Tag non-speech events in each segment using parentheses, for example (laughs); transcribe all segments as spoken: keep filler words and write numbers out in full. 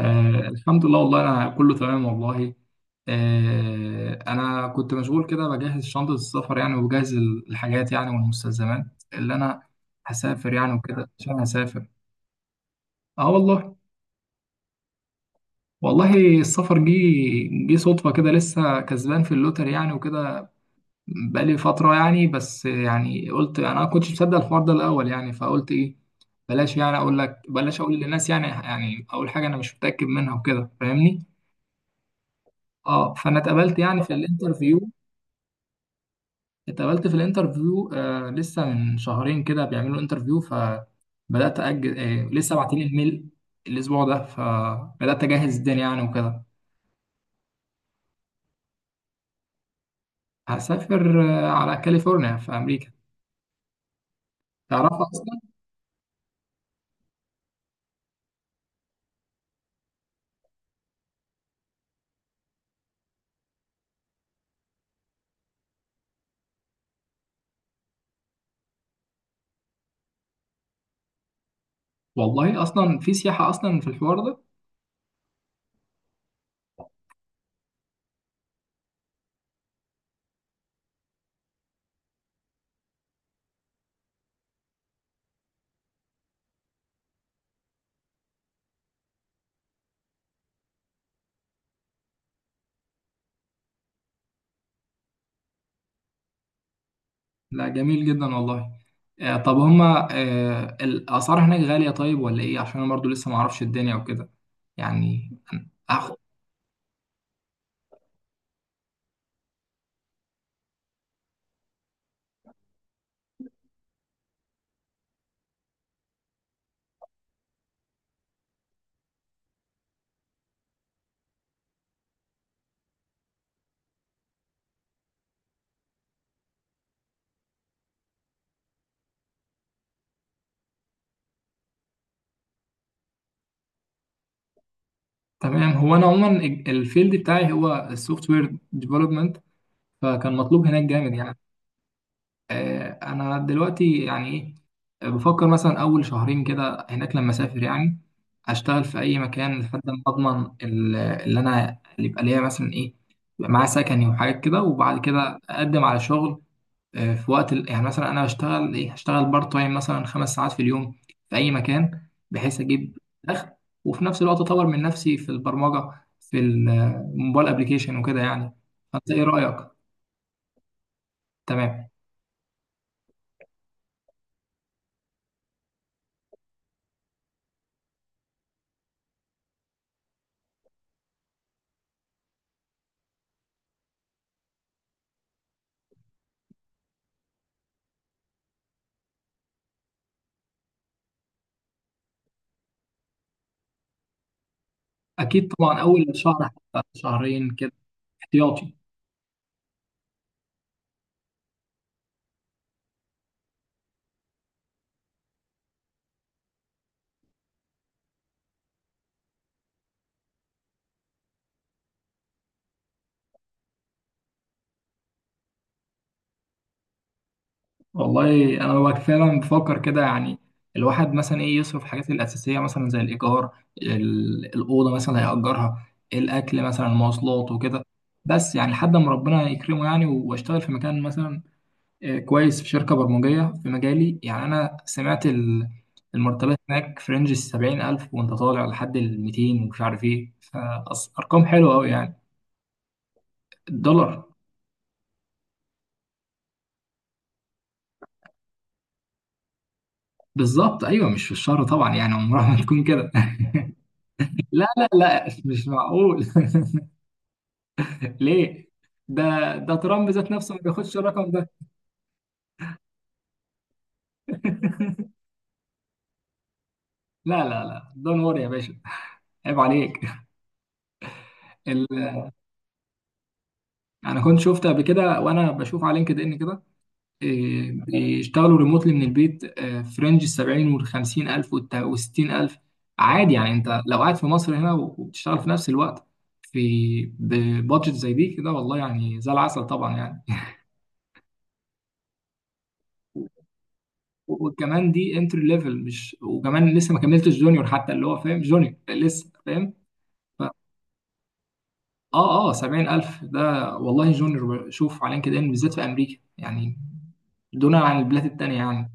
آه، الحمد لله والله أنا كله تمام والله. آه، أنا كنت مشغول كده بجهز شنطة السفر يعني، وبجهز ال- الحاجات يعني والمستلزمات اللي أنا هسافر يعني وكده، عشان هسافر. أه والله. والله السفر جه جه صدفة كده، لسه كسبان في اللوتري يعني وكده، بقالي فترة يعني، بس يعني قلت أنا ما كنتش مصدق الحوار ده الأول يعني، فقلت إيه، بلاش، يعني أقول لك بلاش أقول للناس، يعني يعني أول حاجة أنا مش متأكد منها وكده، فاهمني. اه، فانا اتقابلت يعني في الانترفيو. اتقابلت في الانترفيو، آه، لسه من شهرين كده بيعملوا انترفيو، فبدات اجل، آه، لسه باعتين الميل الاسبوع ده، فبدات اجهز الدنيا يعني وكده. هسافر آه على كاليفورنيا في امريكا. تعرف اصلا؟ والله اصلا في سياحه اصلا في الحوار ده. لا، جميل جدا والله. آه، طب هما، آه، الاسعار هناك غاليه طيب ولا ايه؟ عشان انا برضو لسه ما اعرفش الدنيا وكده يعني. هاخد. تمام، هو انا عموما الفيلد بتاعي هو السوفت وير ديفلوبمنت، فكان مطلوب هناك جامد يعني. آه، انا دلوقتي يعني ايه، بفكر مثلا اول شهرين كده هناك لما اسافر يعني، اشتغل في اي مكان لحد ما اضمن ال- اللي انا اللي يبقى ليا مثلا ايه، يبقى معايا سكني وحاجات كده، وبعد كده اقدم على شغل. آه، في وقت ال- يعني مثلا انا هشتغل ايه هشتغل بارت تايم مثلا خمس ساعات في اليوم، في اي مكان بحيث اجيب دخل، وفي نفس الوقت اطور من نفسي في البرمجه في الموبايل ابلكيشن وكده يعني. فانت ايه رايك؟ تمام، اكيد طبعا، اول شهر حتى شهرين كده احتياطي. والله انا ببقى فعلا بفكر كده يعني، الواحد مثلا ايه يصرف الحاجات الاساسيه مثلا، زي الايجار، ال- الاوضه مثلا هيأجرها، الاكل مثلا، المواصلات وكده، بس يعني لحد ما ربنا يكرمه يعني واشتغل في مكان مثلا، آه، كويس، في شركه برمجيه في مجالي يعني. انا سمعت ال- المرتبات هناك في رينج السبعين الف، وانت طالع لحد الميتين ومش عارف ايه، فارقام حلوه قوي يعني. الدولار. بالظبط، ايوه، مش في الشهر طبعا يعني، عمرها ما تكون كده. لا لا لا، مش معقول. (laughs) ليه؟ ده ده ترامب ذات نفسه ما بياخدش الرقم ده. (laughs) لا لا لا، دون وري يا باشا، عيب عليك. ال... انا كنت شفت قبل كده، وانا بشوف على لينكد ان كده، إيه، بيشتغلوا ريموتلي من البيت، آه، في رينج ال سبعين وال خمسين الف وال ستين الف، عادي يعني. انت لو قاعد في مصر هنا وبتشتغل في نفس الوقت في بادجت زي دي كده، والله يعني زي العسل طبعا يعني. وكمان دي انتري ليفل، مش، وكمان لسه ما كملتش جونيور حتى، اللي هو فاهم جونيور لسه فاهم. ف- اه اه، سبعين الف ده. والله جونيور، شوف على لينكد ان بالذات في امريكا يعني، دون عن البلاد التانية يعني.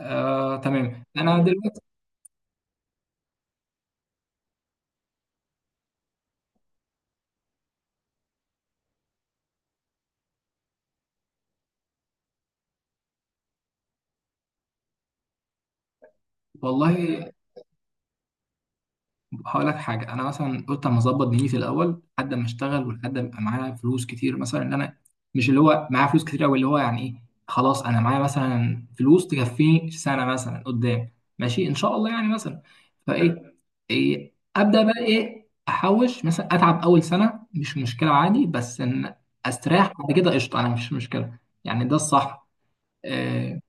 آه، تمام، انا دلوقتي. والله هقول لك حاجه، انا مثلا قلت اما اظبط دنيتي الاول لحد ما اشتغل، ولحد ما يبقى معايا فلوس كتير، مثلا، ان انا مش اللي هو معايا فلوس كتير قوي، اللي هو يعني ايه، خلاص انا معايا مثلا فلوس تكفيني سنه مثلا قدام، ماشي، ان شاء الله يعني مثلا، فايه، إيه ابدا بقى ايه، احوش مثلا، اتعب اول سنه مش مشكله عادي، بس ان استريح بعد كده قشطه، انا مش مشكله يعني، ده الصح. آه،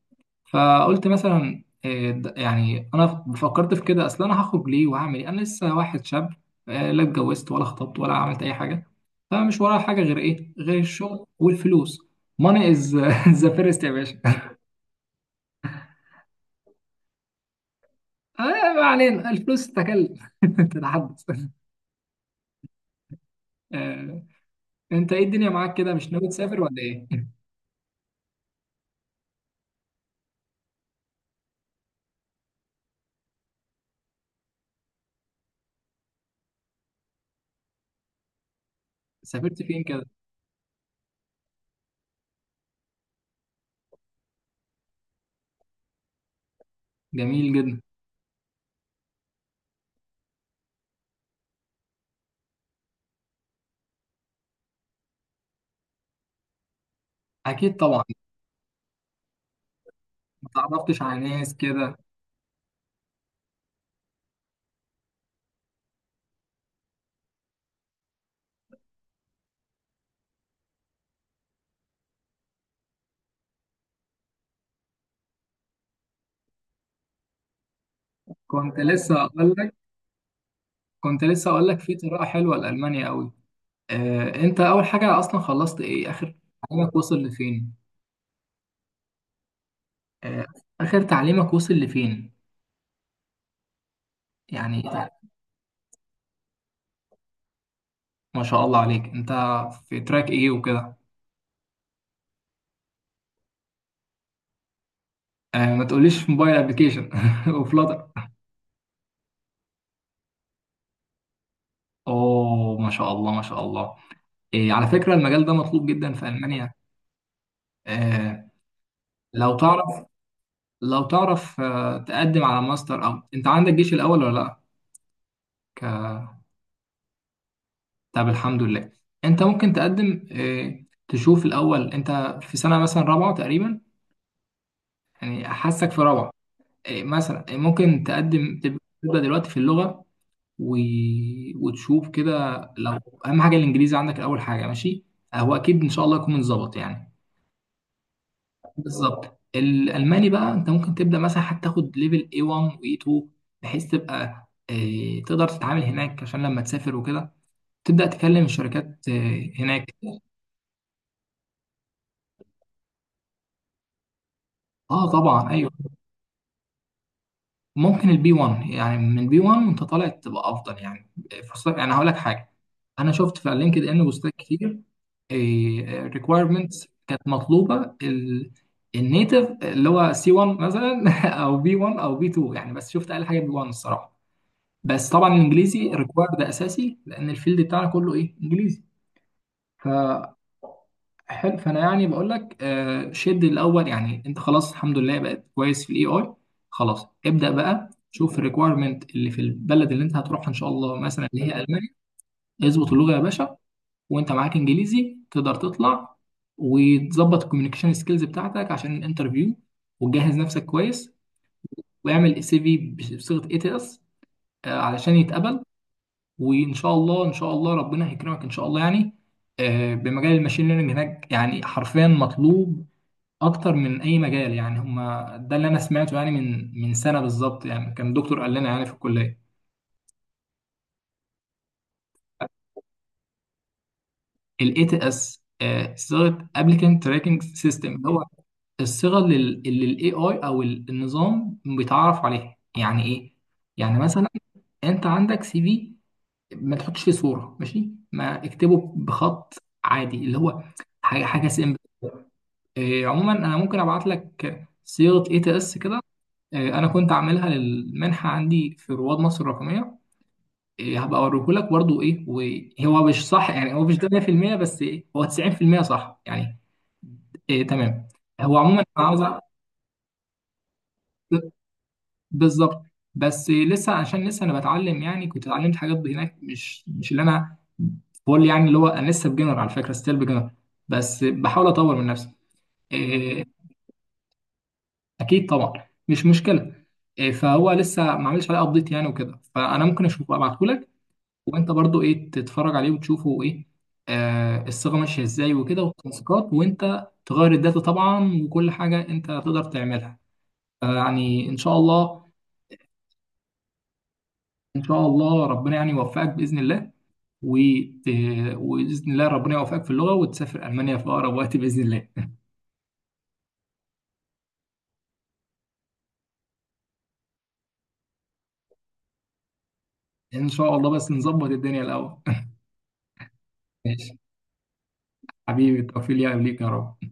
فقلت مثلا إيه ده- يعني انا فكرت في كده، اصل انا هخرج ليه وهعمل ايه؟ انا لسه واحد شاب، آه، لا اتجوزت ولا خطبت ولا عملت اي حاجه، فمش ورايا حاجه غير ايه، غير الشغل والفلوس. Money is (laughs) the first يا باشا. آه، ما علينا، الفلوس تتكلم، (laughs) تتحدث. آه، انت ايه، الدنيا معاك كده، مش ناوي تسافر ولا ايه؟ (laughs) سافرت فين كده؟ جميل جدا. اكيد طبعا. ما تعرفتش على ناس كده. كنت لسه اقول لك كنت لسه اقول لك في طريقه حلوه لالمانيا قوي. آه، انت اول حاجة اصلا خلصت ايه، اخر تعليمك وصل لفين؟ آه، اخر تعليمك وصل لفين يعني؟ ما شاء الله عليك، انت في تراك ايه وكده؟ آه، ما تقوليش في موبايل ابلكيشن (laughs) وفلاتر. اوه، ما شاء الله ما شاء الله. إيه، على فكرة، المجال ده مطلوب جدا في المانيا. آه، لو تعرف لو تعرف آه، تقدم على ماستر، او انت عندك جيش الاول ولا لا؟ ك- طب، الحمد لله. انت ممكن تقدم، آه، تشوف الاول، انت في سنة مثلا رابعة تقريبا يعني، حاسك في رابعة، إيه مثلا إيه ممكن تقدم تب- تبدأ دلوقتي في اللغة، و... وتشوف كده لو. أهم حاجة الإنجليزي عندك، أول حاجة، ماشي، هو أكيد إن شاء الله يكون متظبط يعني. بالظبط، الألماني بقى أنت ممكن تبدأ مثلا، حتى تاخد ليفل ايه ون و ايه تو، بحيث تبقى إيه، تقدر تتعامل هناك عشان لما تسافر وكده، تبدأ تكلم الشركات إيه هناك. آه طبعا، أيوه، ممكن البي واحد يعني، من بي واحد وانت طالع تبقى افضل يعني فرصتك، يعني هقول لك حاجه، انا شفت في لينكد ان بوستات كتير، ريكويرمنتس كانت مطلوبه، النيتف اللي هو سي واحد مثلا، (laughs) او بي واحد او بي اتنين يعني، بس شفت اقل حاجه بي واحد الصراحه، بس طبعا الانجليزي ريكوايرد ده اساسي، لان الفيلد بتاعنا كله ايه، انجليزي. ف حلو، فانا يعني بقول لك، آه، شد الاول يعني، انت خلاص الحمد لله بقت كويس في الاي اي، خلاص ابدا بقى، شوف الريكويرمنت اللي في البلد اللي انت هتروحها ان شاء الله، مثلا اللي هي المانيا، اظبط اللغه يا باشا، وانت معاك انجليزي تقدر تطلع، وتظبط الكوميونيكيشن سكيلز بتاعتك عشان الانترفيو، وتجهز نفسك كويس، واعمل سي في بصيغه اي تي اس علشان يتقبل، وان شاء الله ان شاء الله ربنا هيكرمك ان شاء الله يعني. آه، بمجال الماشين ليرنينج هناك يعني حرفيا مطلوب اكتر من اي مجال يعني، هما ده اللي انا سمعته يعني، من من سنه بالظبط يعني، كان دكتور قال لنا يعني في الكليه. الاي تي اس، صيغه ابلكنت تراكنج سيستم، اللي هو الصيغه اللي اللي الاي اي او ال- النظام بيتعرف عليها، يعني ايه، يعني مثلا، انت عندك سي في ما تحطش فيه صوره، ماشي، ما اكتبه بخط عادي، اللي هو حاجه حاجه. إيه، عموما انا ممكن ابعت لك صيغه اي تي اس كده، إيه، انا كنت عاملها للمنحه عندي في رواد مصر الرقميه، إيه، هبقى اوريه لك برضو ايه، وهو مش صح يعني، هو مش ده ميه في الميه، بس إيه، هو تسعين في الميه صح يعني. إيه تمام، هو عموما انا عاوز أ- بالظبط. بس إيه، لسه، عشان لسه انا بتعلم يعني، كنت اتعلمت حاجات هناك مش مش اللي انا بقول يعني، اللي هو انا لسه بجنر على فكره، ستيل بجنر، بس بحاول اطور من نفسي. إيه، اكيد طبعا، مش مشكله، إيه، فهو لسه ما عملش عليه ابديت يعني وكده، فانا ممكن اشوفه ابعته لك، وانت برضو ايه تتفرج عليه وتشوفه ايه، آه، الصيغه ماشيه ازاي وكده، والتنسيقات، وانت تغير الداتا طبعا، وكل حاجه انت تقدر تعملها يعني ان شاء الله. ان شاء الله ربنا يعني يوفقك باذن الله وت... وباذن الله ربنا يوفقك في اللغه، وتسافر المانيا في اقرب وقت باذن الله. (laughs) ان شاء الله، بس نظبط الدنيا الاول. (laughs) ماشي. حبيبي، التوفيق ليك يا رب.